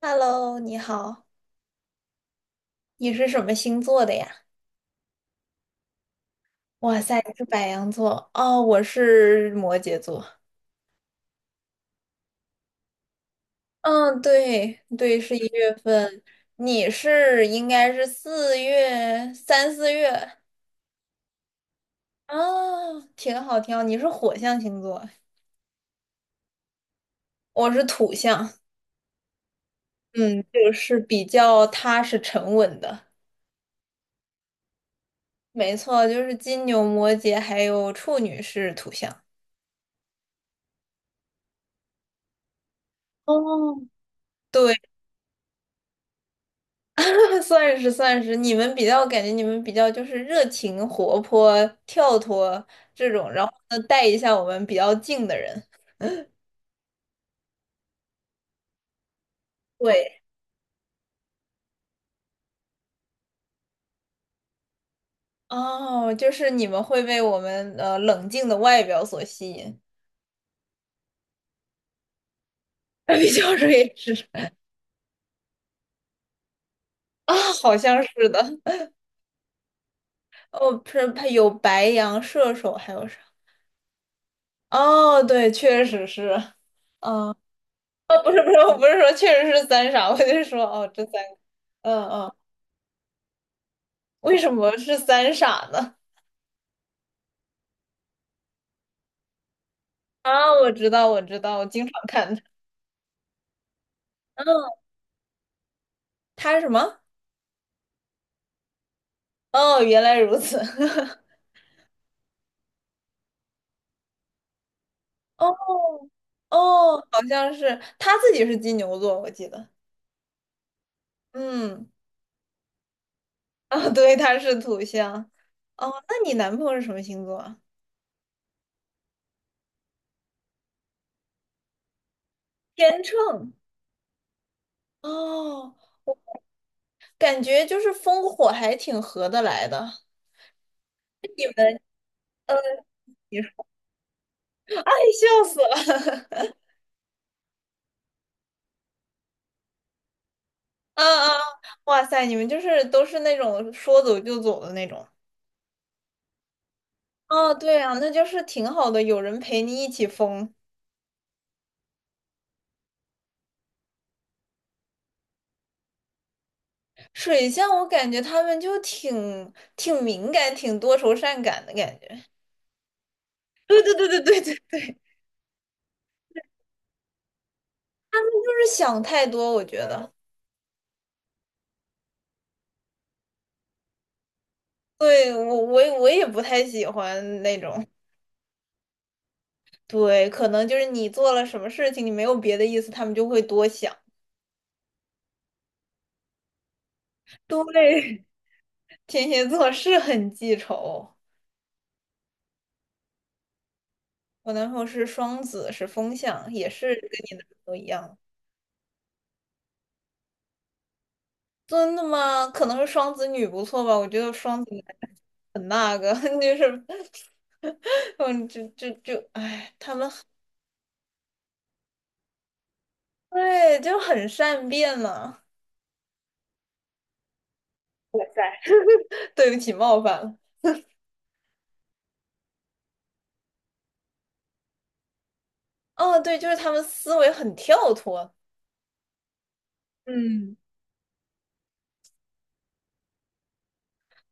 Hello，你好，你是什么星座的呀？哇塞，你是白羊座哦，我是摩羯座。嗯，对对，是一月份，应该是四月啊，挺好挺好。你是火象星座，我是土象，嗯，就是比较踏实沉稳的。没错，就是金牛、摩羯还有处女是土象。哦，对。算是算是，你们比较就是热情、活泼、跳脱这种，然后呢带一下我们比较静的人。对，哦，就是你们会被我们冷静的外表所吸引，比较睿智啊，好像是的。哦，不是，他有白羊、射手，还有啥？哦，对，确实是。嗯，哦，不是不是，我不是说确实是三傻，我就说哦，这三个，嗯嗯，为什么是三傻呢？啊，我知道，我知道，我经常看他。嗯，他是什么？哦，原来如此。哦哦，好像是他自己是金牛座，我记得。嗯，啊，对，他是土象。哦，那你男朋友是什么星座啊？天秤。哦，感觉就是风火还挺合得来的。你们呃你说 哎，笑死了。啊啊，嗯哇塞，你们就是都是那种说走就走的那种。哦，对啊，那就是挺好的，有人陪你一起疯。水象，我感觉他们就挺敏感、挺多愁善感的感觉。对对对对对对对，就是想太多，我觉得。对，我也不太喜欢那种。对，可能就是你做了什么事情，你没有别的意思，他们就会多想。对，天蝎座是很记仇。我男朋友是双子，是风象，也是跟你男朋友一样。真的吗？可能是双子女不错吧，我觉得双子。女。很那个，就是，嗯，就就就，哎，对，就很善变嘛。对不起，冒犯了。哦，对，就是他们思维很跳脱。嗯，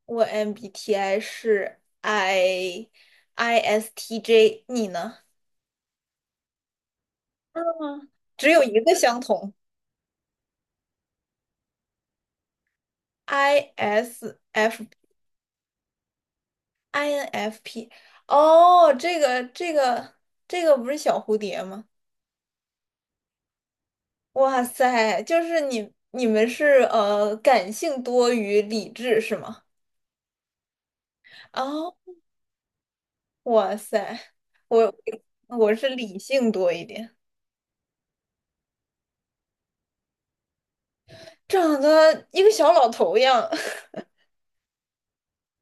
我 MBTI 是 ISTJ，你呢？只有一个相同，ISF INFP。哦，这个不是小蝴蝶吗？哇塞，就是你们是感性多于理智是吗？啊、哇塞，我我是理性多一点，长得一个小老头一样，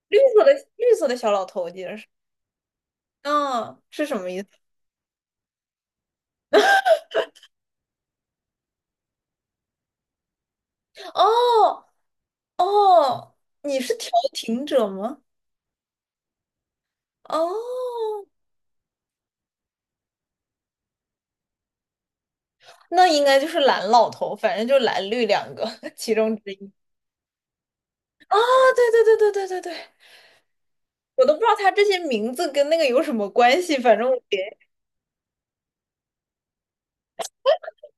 绿色的小老头，我记得是，啊，是什么意思？哦哦，你是调停者吗？哦，那应该就是蓝老头，反正就蓝绿两个 其中之一。啊，对对对对对对对，我都不知道他这些名字跟那个有什么关系，反正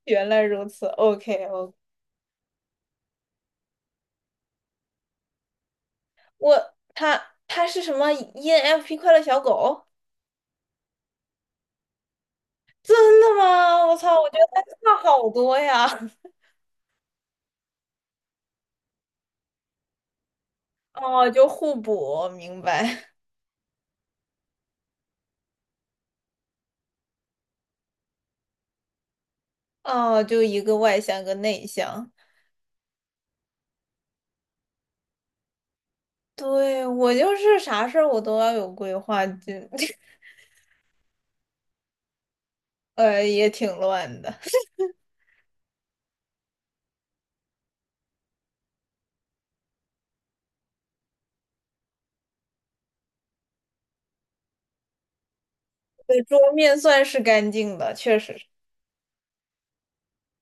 原来如此。OK，他是什么 ENFP 快乐小狗？真的吗？我操，我觉得他差好多呀。哦，就互补，明白。哦，就一个外向，一个内向。对，我就是啥事儿我都要有规划，就 也挺乱的。对，桌面算是干净的，确实。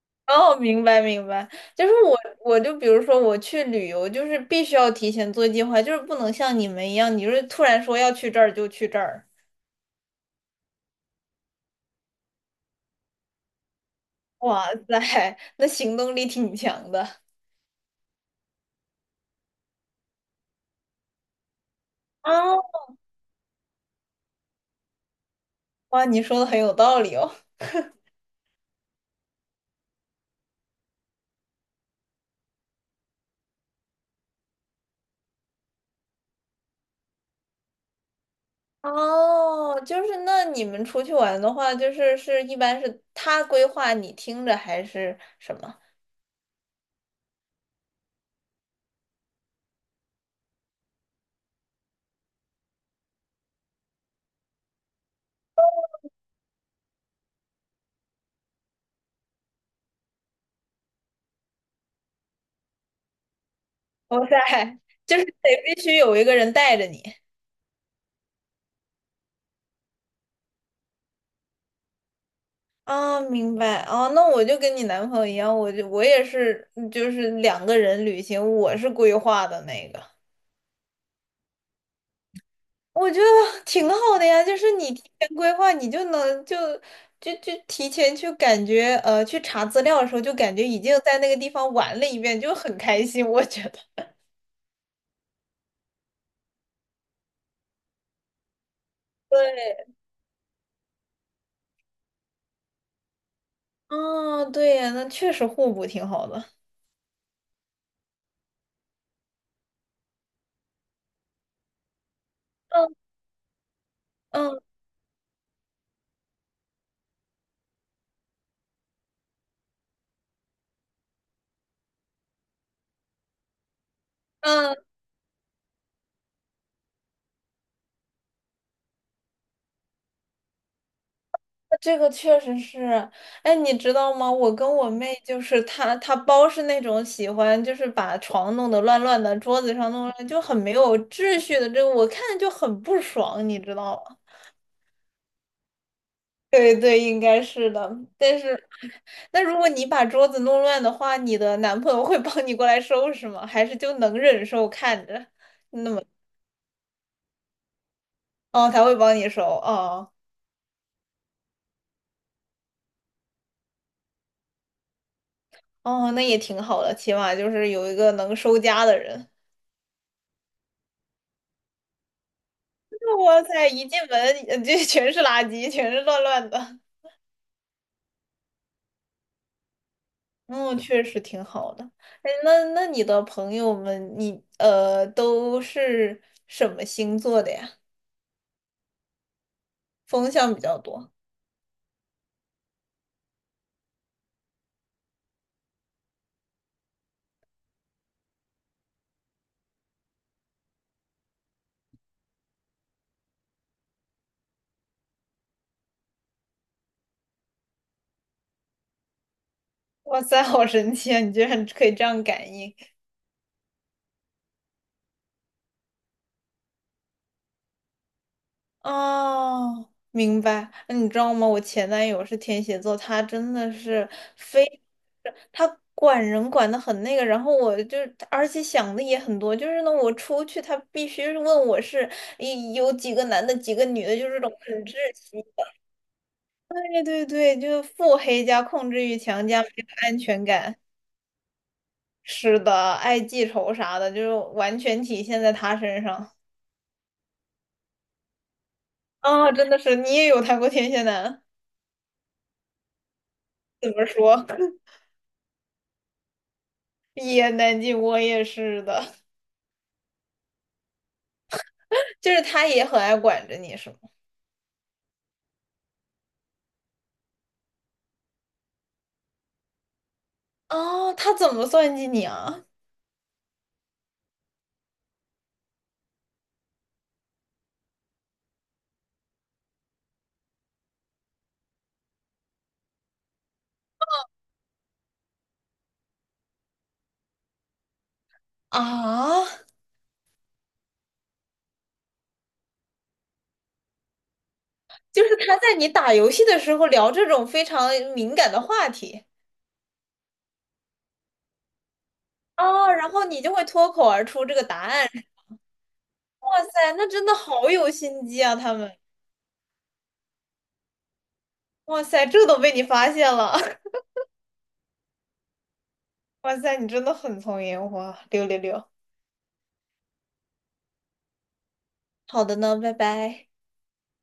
哦，明白明白，就是我，我就比如说我去旅游，就是必须要提前做计划，就是不能像你们一样，你就是突然说要去这儿就去这儿。哇塞，那行动力挺强的啊 哇，你说的很有道理哦。哦，就是那你们出去玩的话，就是一般是他规划你听着还是什么？哇塞，就是得必须有一个人带着你。啊，明白哦，那我就跟你男朋友一样，我也是，就是两个人旅行，我是规划的那个，我觉得挺好的呀，就是你提前规划，你就能就就就提前去感觉，去查资料的时候就感觉已经在那个地方玩了一遍，就很开心，我觉得。对，啊，对呀，那确实互补挺好的。嗯嗯嗯。这个确实是，哎，你知道吗？我跟我妹就是她包是那种喜欢，就是把床弄得乱乱的，桌子上弄乱，就很没有秩序的。这个我看着就很不爽，你知道吗？对对，应该是的。但是，那如果你把桌子弄乱的话，你的男朋友会帮你过来收拾吗？还是就能忍受看着？哦，他会帮你收。哦哦，那也挺好的，起码就是有一个能收家的人。哇塞，一进门这 全是垃圾，全是乱乱的。嗯，确实挺好的。哎，那你的朋友们，你都是什么星座的呀？风象比较多。哇塞，好神奇啊！你居然可以这样感应。哦，明白。那你知道吗？我前男友是天蝎座，他真的是非，他管人管的很那个。然后而且想的也很多，就是呢，我出去他必须是问我是一有几个男的，几个女的，就是这种很窒息。对对对，就是腹黑加控制欲强加没有安全感。是的，爱记仇啥的，就是完全体现在他身上。啊、真的是，你也有谈过天蝎男？怎么说？一言难尽，我也是的，就是他也很爱管着你，是吗？哦，他怎么算计你啊？啊，就是他在你打游戏的时候聊这种非常敏感的话题，哦，然后你就会脱口而出这个答案。哇塞，那真的好有心机啊，他们。哇塞，这都被你发现了。哇塞，你真的很聪明，哇，六六六。好的呢，拜拜。